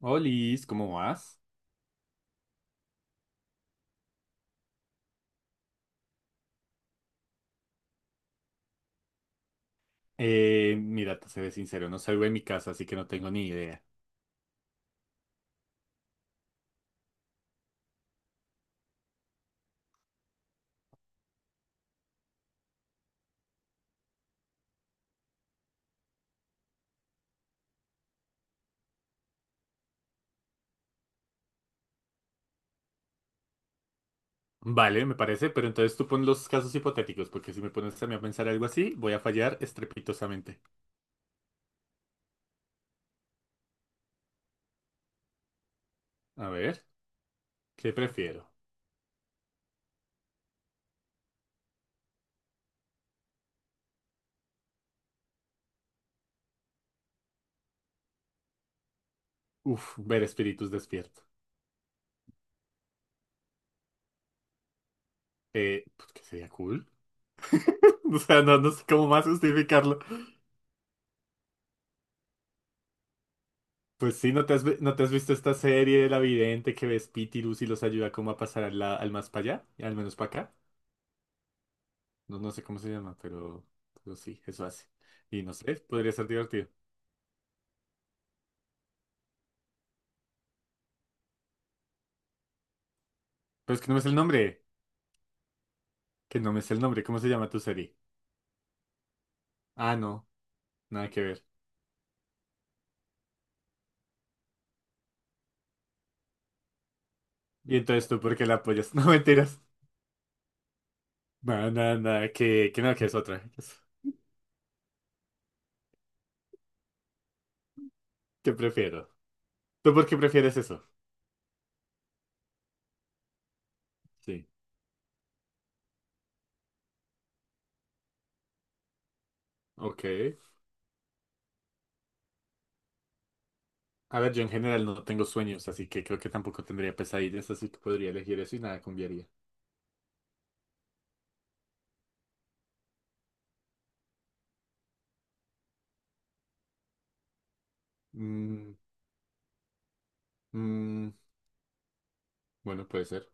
Olis, ¿cómo vas? Mira, te seré sincero, no salgo de mi casa, así que no tengo ni idea. Vale, me parece, pero entonces tú pon los casos hipotéticos, porque si me pones a mí a pensar algo así, voy a fallar estrepitosamente. A ver, ¿qué prefiero? Uf, ver espíritus despierto. Pues que sería cool. O sea, no, no sé cómo más justificarlo. Pues sí, no te has visto esta serie de la vidente que ves Pitilus y los ayuda como a pasar al más para allá, al menos para acá? No, no sé cómo se llama, pero sí, eso hace. Y no sé, podría ser divertido. Pero es que no me es el nombre. Que no me es el nombre. ¿Cómo se llama tu serie? Ah, no, nada que ver. Y entonces tú, ¿por qué la apoyas? No, mentiras. Nada, nada, nada, que no, que es otra. ¿Qué prefiero? ¿Tú por qué prefieres eso? Sí. Ok. A ver, yo en general no tengo sueños, así que creo que tampoco tendría pesadillas, así que podría elegir eso y nada cambiaría. Mm, mm, bueno, puede ser.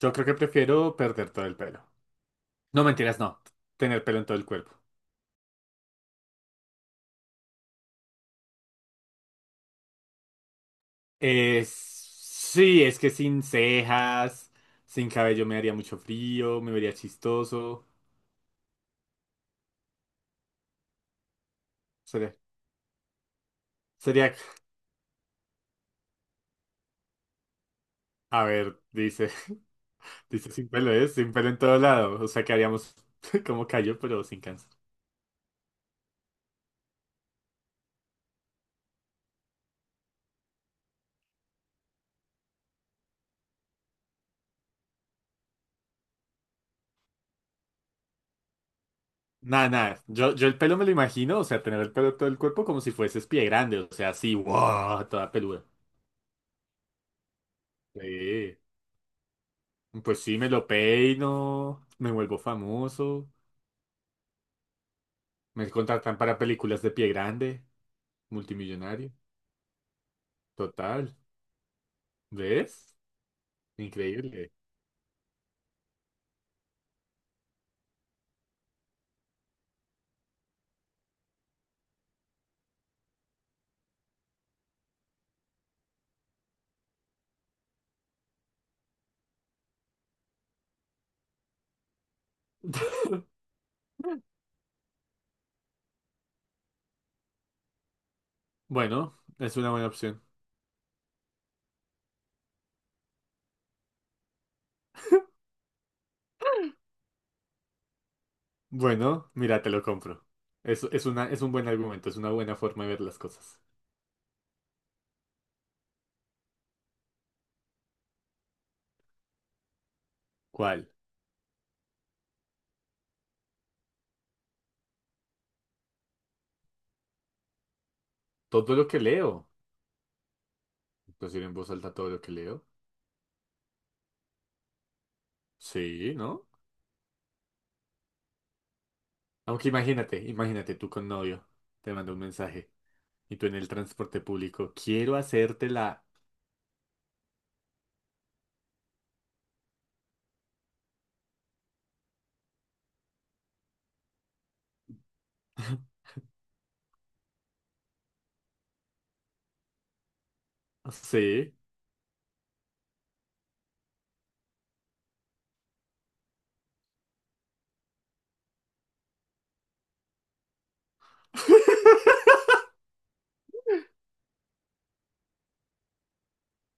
Yo creo que prefiero perder todo el pelo. No mentiras, no. Tener pelo en todo el cuerpo. Sí, es que sin cejas, sin cabello me haría mucho frío, me vería chistoso. Sería, sería, a ver, dice, dice sin pelo, ¿eh? Sin pelo en todo lado. O sea, que haríamos como callo, pero sin cáncer. Nada, nada. Yo el pelo me lo imagino, o sea, tener el pelo en todo el cuerpo como si fueses pie grande, o sea, así, wow, toda peluda. Sí. Pues sí, me lo peino, me vuelvo famoso, me contratan para películas de pie grande. Multimillonario. Total. ¿Ves? Increíble. Bueno, es una buena opción. Bueno, mira, te lo compro. Es un buen argumento, es una buena forma de ver las cosas. ¿Cuál? Todo lo que leo. Decir en voz alta todo lo que leo. Sí, ¿no? Aunque imagínate, imagínate tú con novio. Te manda un mensaje. Y tú en el transporte público. Quiero hacértela. Sí.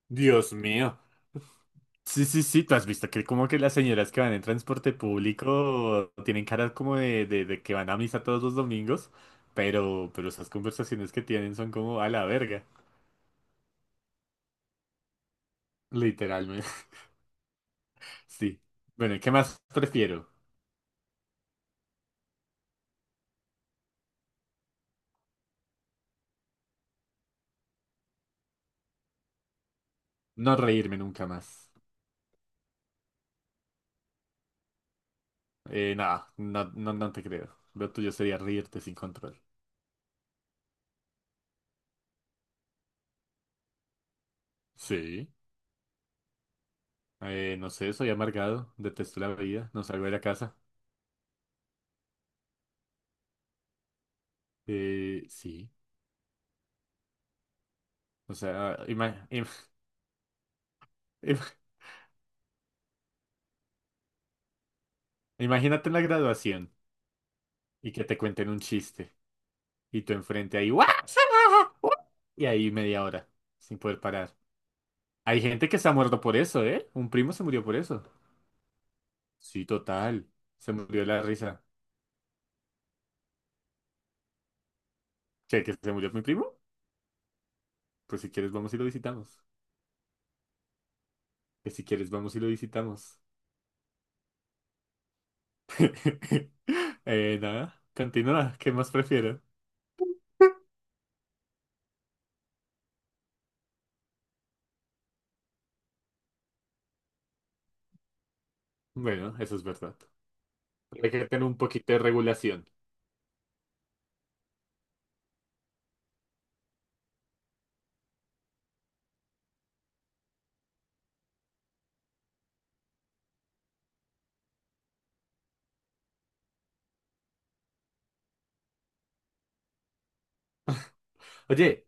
Dios mío. Sí, sí, sí, tú has visto que como que las señoras que van en transporte público tienen caras como de que van a misa todos los domingos, pero esas conversaciones que tienen son como a la verga, literalmente. Sí. Bueno, ¿y qué más prefiero? No reírme nunca más. Nada, no, no, no te creo. Lo tuyo sería reírte sin control. Sí. No sé, soy amargado, detesto la vida, no salgo de la casa. Sí. O sea, im- imagínate en la graduación. Y que te cuenten un chiste y tú enfrente ahí, ¡guau! ¡guau! Y ahí media hora sin poder parar. Hay gente que se ha muerto por eso, ¿eh? Un primo se murió por eso. Sí, total. Se murió de la risa. ¿Qué, que se murió mi primo? Pues si quieres vamos y lo visitamos. Que si quieres vamos y lo visitamos. Nada, continúa. ¿Qué más prefiero? Bueno, eso es verdad. Hay que tener un poquito de regulación. Oye,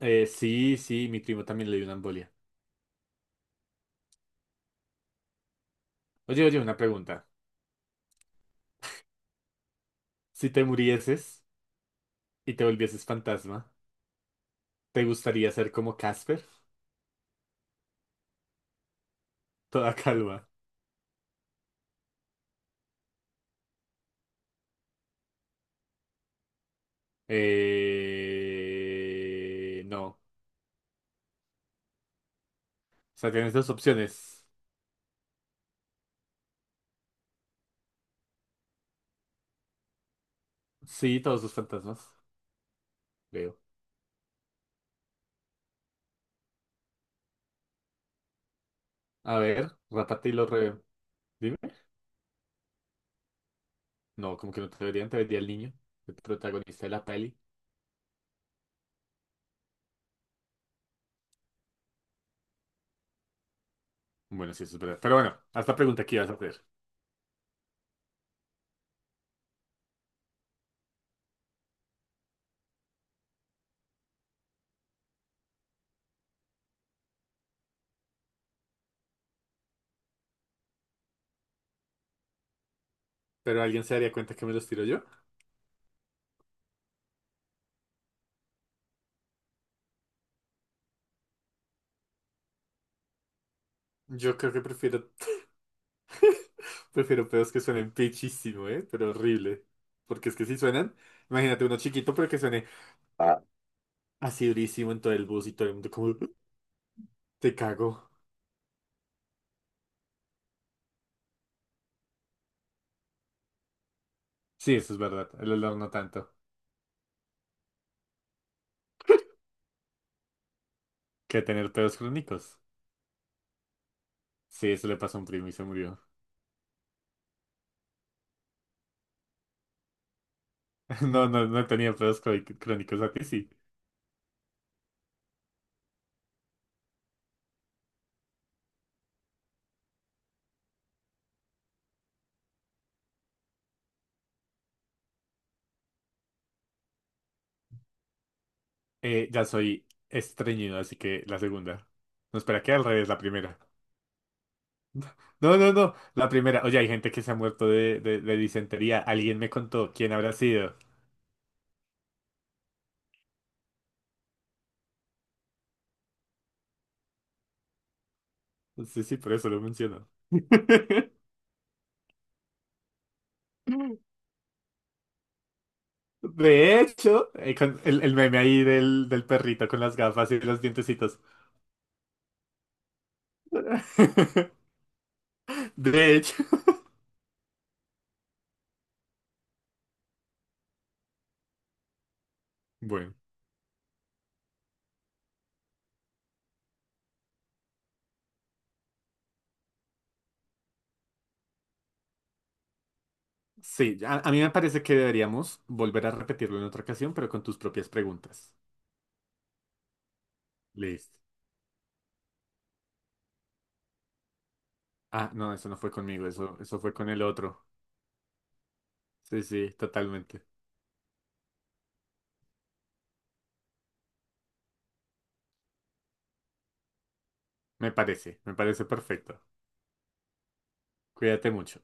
sí, sí, mi primo también le dio una embolia. Oye, oye, una pregunta. Si te murieses, y te volvieses fantasma, ¿te gustaría ser como Casper? Toda calva. No. O sea, tienes dos opciones. Sí, todos los fantasmas, creo. A ver, rápate y lo re... Dime. No, como que no te verían, te vería el niño, el protagonista de la peli. Bueno, sí, eso es verdad. Pero bueno, hasta pregunta que ibas a hacer. ¿Pero alguien se daría cuenta que me los tiro yo? Yo creo que prefiero, prefiero pedos que suenen pichísimo, ¿eh? Pero horrible. Porque es que si suenan, imagínate uno chiquito, pero que suene así durísimo en todo el bus y todo el mundo como, te cago. Sí, eso es verdad. El olor no tanto. Que tener pedos crónicos. Sí, eso le pasó a un primo y se murió. No, no, no he tenido crónicos a ti, sí. Ya soy estreñido, así que la segunda. No, espera, que al revés, la primera. No, no, no, la primera. Oye, hay gente que se ha muerto de disentería. Alguien me contó quién habrá sido. Sí, sí, por eso lo menciono. De hecho, con el meme ahí del perrito con las gafas y los dientecitos. De hecho, bueno, sí, a mí me parece que deberíamos volver a repetirlo en otra ocasión, pero con tus propias preguntas. Listo. Ah, no, eso no fue conmigo, eso fue con el otro. Sí, sí, totalmente. Me parece perfecto. Cuídate mucho.